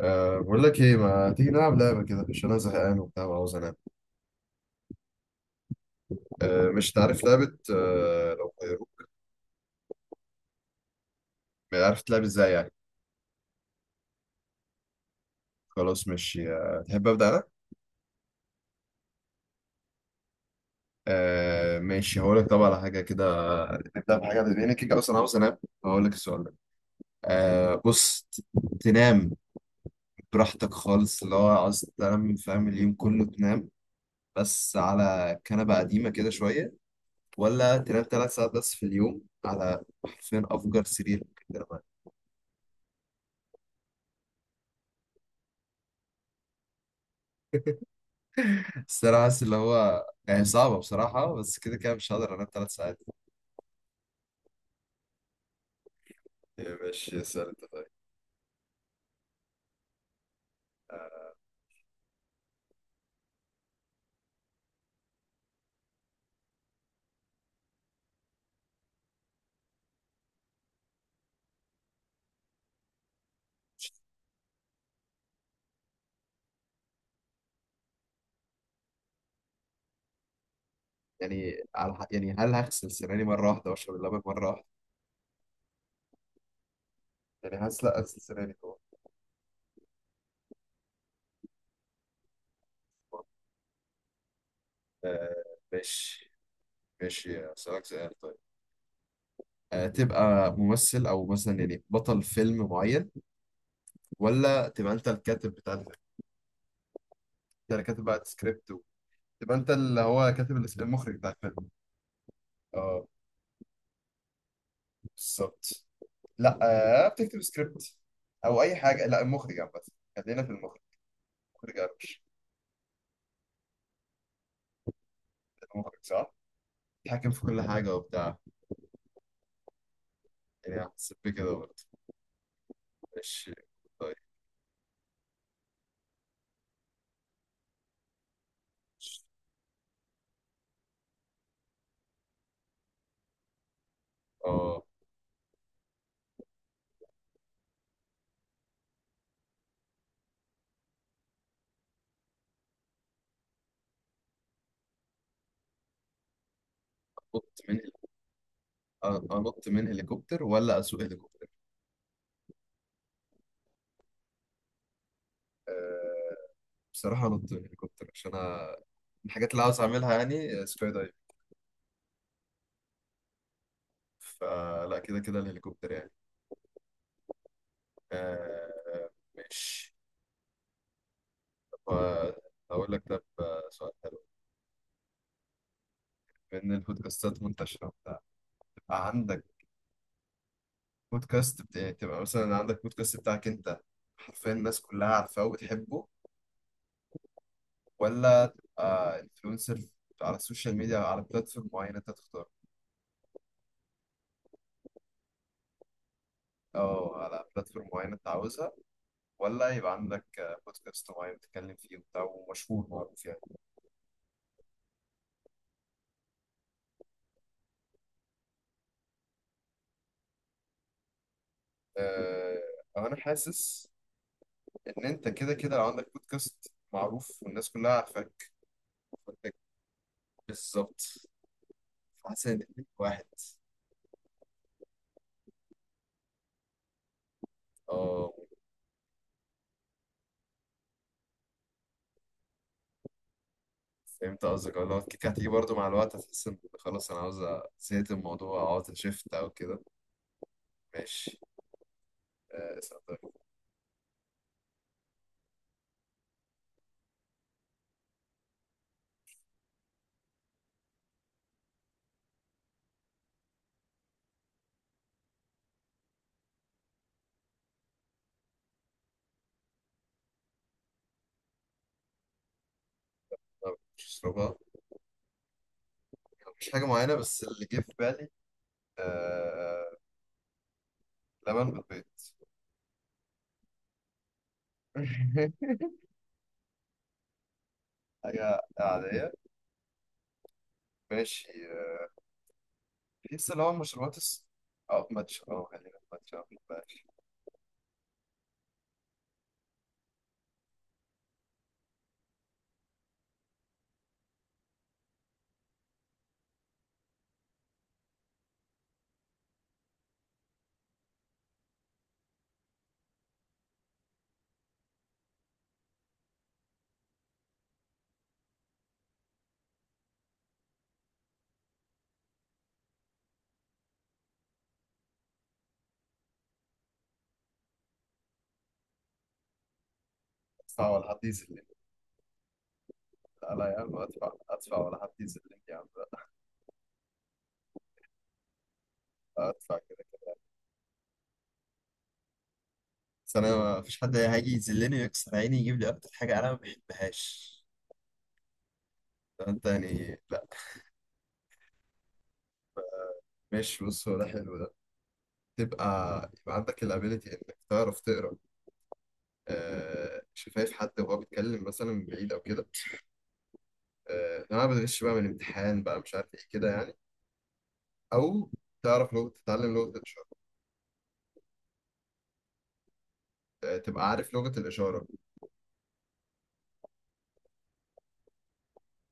بقول لك ايه ما تيجي نلعب لعبه كده عشان انا زهقان وبتاع وعاوز انام. مش تعرف لعبه. لو عارف تلعب ازاي يعني. خلاص ماشي، تحب ابدا انا؟ ماشي، هقول لك طبعا على حاجه كده. نبدا بحاجه لان كده اصلا عاوز انام. هقول لك السؤال ده. بص، تنام براحتك خالص، اللي هو عاوز تنام، فاهم، اليوم كله تنام، بس على كنبه قديمه كده شويه، ولا تنام 3 ساعات بس في اليوم على حرفيا افجر سرير ممكن تنام. بس انا حاسس اللي هو يعني صعبة بصراحة، بس كده كده مش هقدر انام 3 ساعات. يعني ماشي، اسأل انت طيب. يعني على يعني هل هغسل سناني مرة واحدة واشرب اللبن مرة واحدة؟ يعني حاسس لا، اغسل سناني طبعا. آه. ماشي. ماشي اسألك سؤال طيب. آه، تبقى ممثل او مثلا يعني بطل فيلم معين، ولا تبقى انت الكاتب بتاع الفيلم؟ انت اللي كاتب بقى السكريبت تبقى انت اللي هو كاتب المخرج بتاع الفيلم. اه، بالظبط. لا، آه، بتكتب سكريبت او اي حاجه، لا المخرج عامه. خلينا في المخرج. المخرج قرش. المخرج صح، بيتحكم في كل حاجه وبتاع. يعني حسيت بكده برضه. ماشي. طيب. اه، انط من انط من هليكوبتر ولا اسوق هليكوبتر؟ آه، بصراحه انط من هليكوبتر عشان انا من الحاجات اللي عاوز اعملها يعني آه، سكاي دايف. فلا كده كده الهليكوبتر يعني. آه، ماشي. طب، آه، اقول لك ده سؤال حلو. بما ان البودكاستات منتشره وبتاع، تبقى عندك بودكاست بتاعي، تبقى مثلا عندك بودكاست بتاعك انت، حرفيا الناس كلها عارفاه وبتحبه، ولا تبقى انفلونسر على السوشيال ميديا، على بلاتفورم معينة انت تختار، او على بلاتفورم معينة انت عاوزها، ولا يبقى عندك آه، بودكاست معين بتتكلم فيه وبتاع ومشهور معروف يعني. آه، انا حاسس ان انت كده كده لو عندك بودكاست معروف والناس كلها عارفاك، فانت بالظبط، حاسس ان الاتنين واحد. اه، فهمت قصدك اللي هو الكيك هتيجي برضو مع الوقت، هتحس ان خلاص انا عاوز زهقت من الموضوع او عاوز شيفت او كده. ماشي. آه صدق. طب مش اشربها؟ مش حاجه معينه بس اللي جه في بالي آه، لبن بالبيض. حاجه عاديه؟ ماشي آه، تحس اللي هو مشروبات او ماتش، اه خلينا في ماتش أو بلاش. ادفع ولا حد يذلني؟ لا لا يا عم، ادفع، ادفع ولا حد يذلني يا عم. لا، ادفع كده كده. بس انا ما فيش حد هيجي يذلني ويكسر عيني يجيب لي اكتر حاجه انا ما بحبهاش. انت يعني لا، مش بص، هو ده حلو، ده تبقى يبقى عندك الابيلتي انك تعرف تقرا آه شفايف حد وهو بيتكلم مثلا من بعيد او كده. آه لو انا بتغش بقى من امتحان بقى مش عارف ايه كده يعني، او تعرف لغه، تتعلم لغه الاشاره. آه، تبقى عارف لغه الاشاره.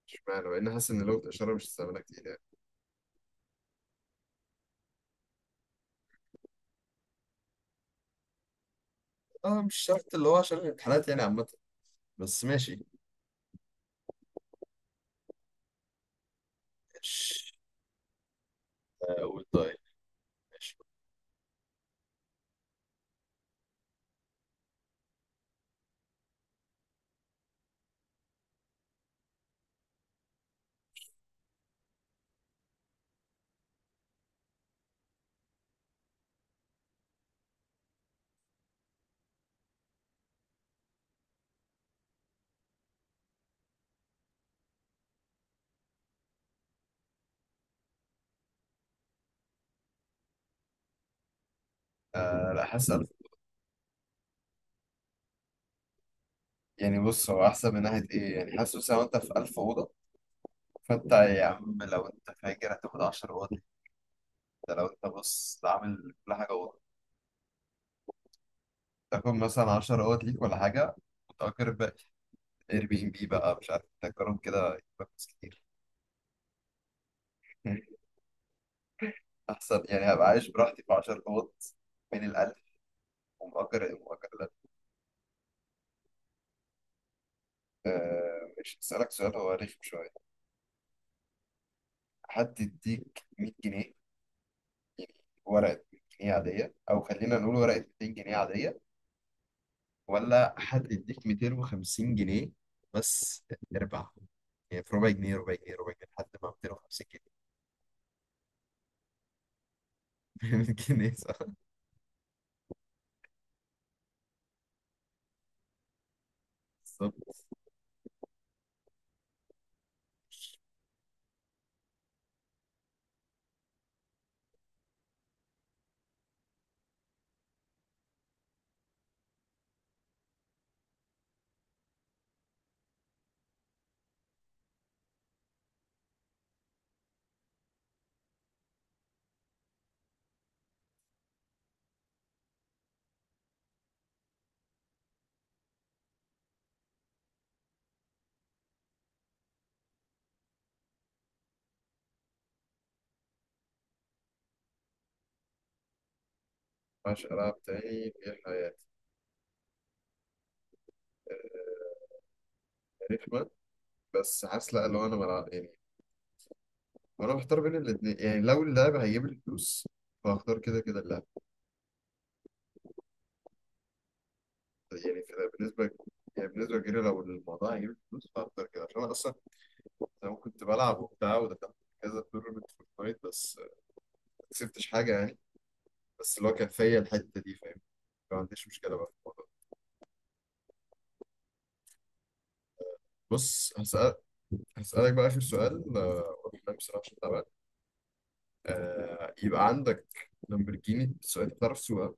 اشمعنى؟ مع ان حاسس ان لغه الاشاره مش استعمالها كتير يعني. اه مش شرط اللي هو عشان الامتحانات يعني عامه. بس ماشي. مش اقول طيب. ماشي. آه لا، حاسس ألف. يعني بص، هو احسن من ناحيه ايه؟ يعني حاسس مثلا وانت في 1000 اوضه، فانت يا عم لو انت فاكر هتاخد 10 اوض ليك. ده لو انت بص عامل كل حاجه اوضه، تاخد مثلا 10 اوض ليك ولا حاجه، وتأجر بقى اير بي ام بي بقى مش عارف، تأجرهم كده يبقى فلوس كتير. احسن، يعني هبقى عايش براحتي في 10 اوض بين الالف، ومأجر مؤجر الالف. مش هسألك سؤال هو رخم شويه. حد يديك 100 جنيه، ورقه 100 جنيه عاديه، او خلينا نقول ورقه 200 جنيه عاديه، ولا حد يديك 250 جنيه بس اربع، يعني في ربع جنيه ربع جنيه ربع جنيه لحد ما 250 جنيه. 200 جنيه صح، بالظبط. مبقاش ألعب تاني في حياتي آه، رخمة. بس حاسس لأ، لو أنا بلعب يعني وأنا محتار بين الاتنين، يعني لو اللعب هيجيب لي فلوس فهختار كده كده اللعب. يعني بالنسبة، يعني بالنسبة كده لو الموضوع هيجيب لي فلوس فهختار كده عشان أنا أصلا زمان كنت بلعب وبتاع ودخلت كذا تورنمنت في الفايت، بس ما كسبتش حاجة يعني. بس اللي هو كانت فيا الحته دي، فاهم. ما عنديش مشكله بقى في الموضوع ده. بص هسأل. هسألك بقى آخر سؤال آه، وأنا بصراحة عشان تعبان آه، يبقى عندك لامبرجيني، السؤال ده بتعرف تسوقها؟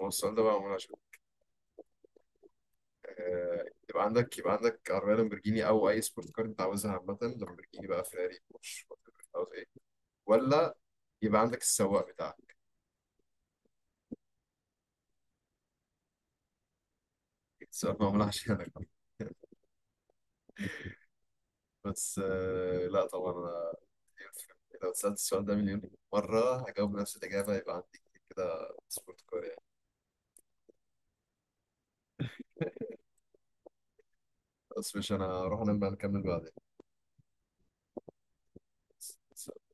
هو السؤال ده بقى معمول عشان آه، يبقى عندك يبقى عندك عربية لامبرجيني أو أي سبورت كار أنت عاوزها عامة، لامبرجيني بقى، فيراري، بورش، whatever، عاوز إيه، ولا يبقى عندك السواق بتاعك؟ السؤال معمول عشانك. بس آه، لا طبعا يعني لو سألت السؤال ده مليون مرة هجاوب نفس الإجابة، يبقى عندي كده سبورت كوريا. بس مش أنا، هروح أنام بقى، نكمل بعدين.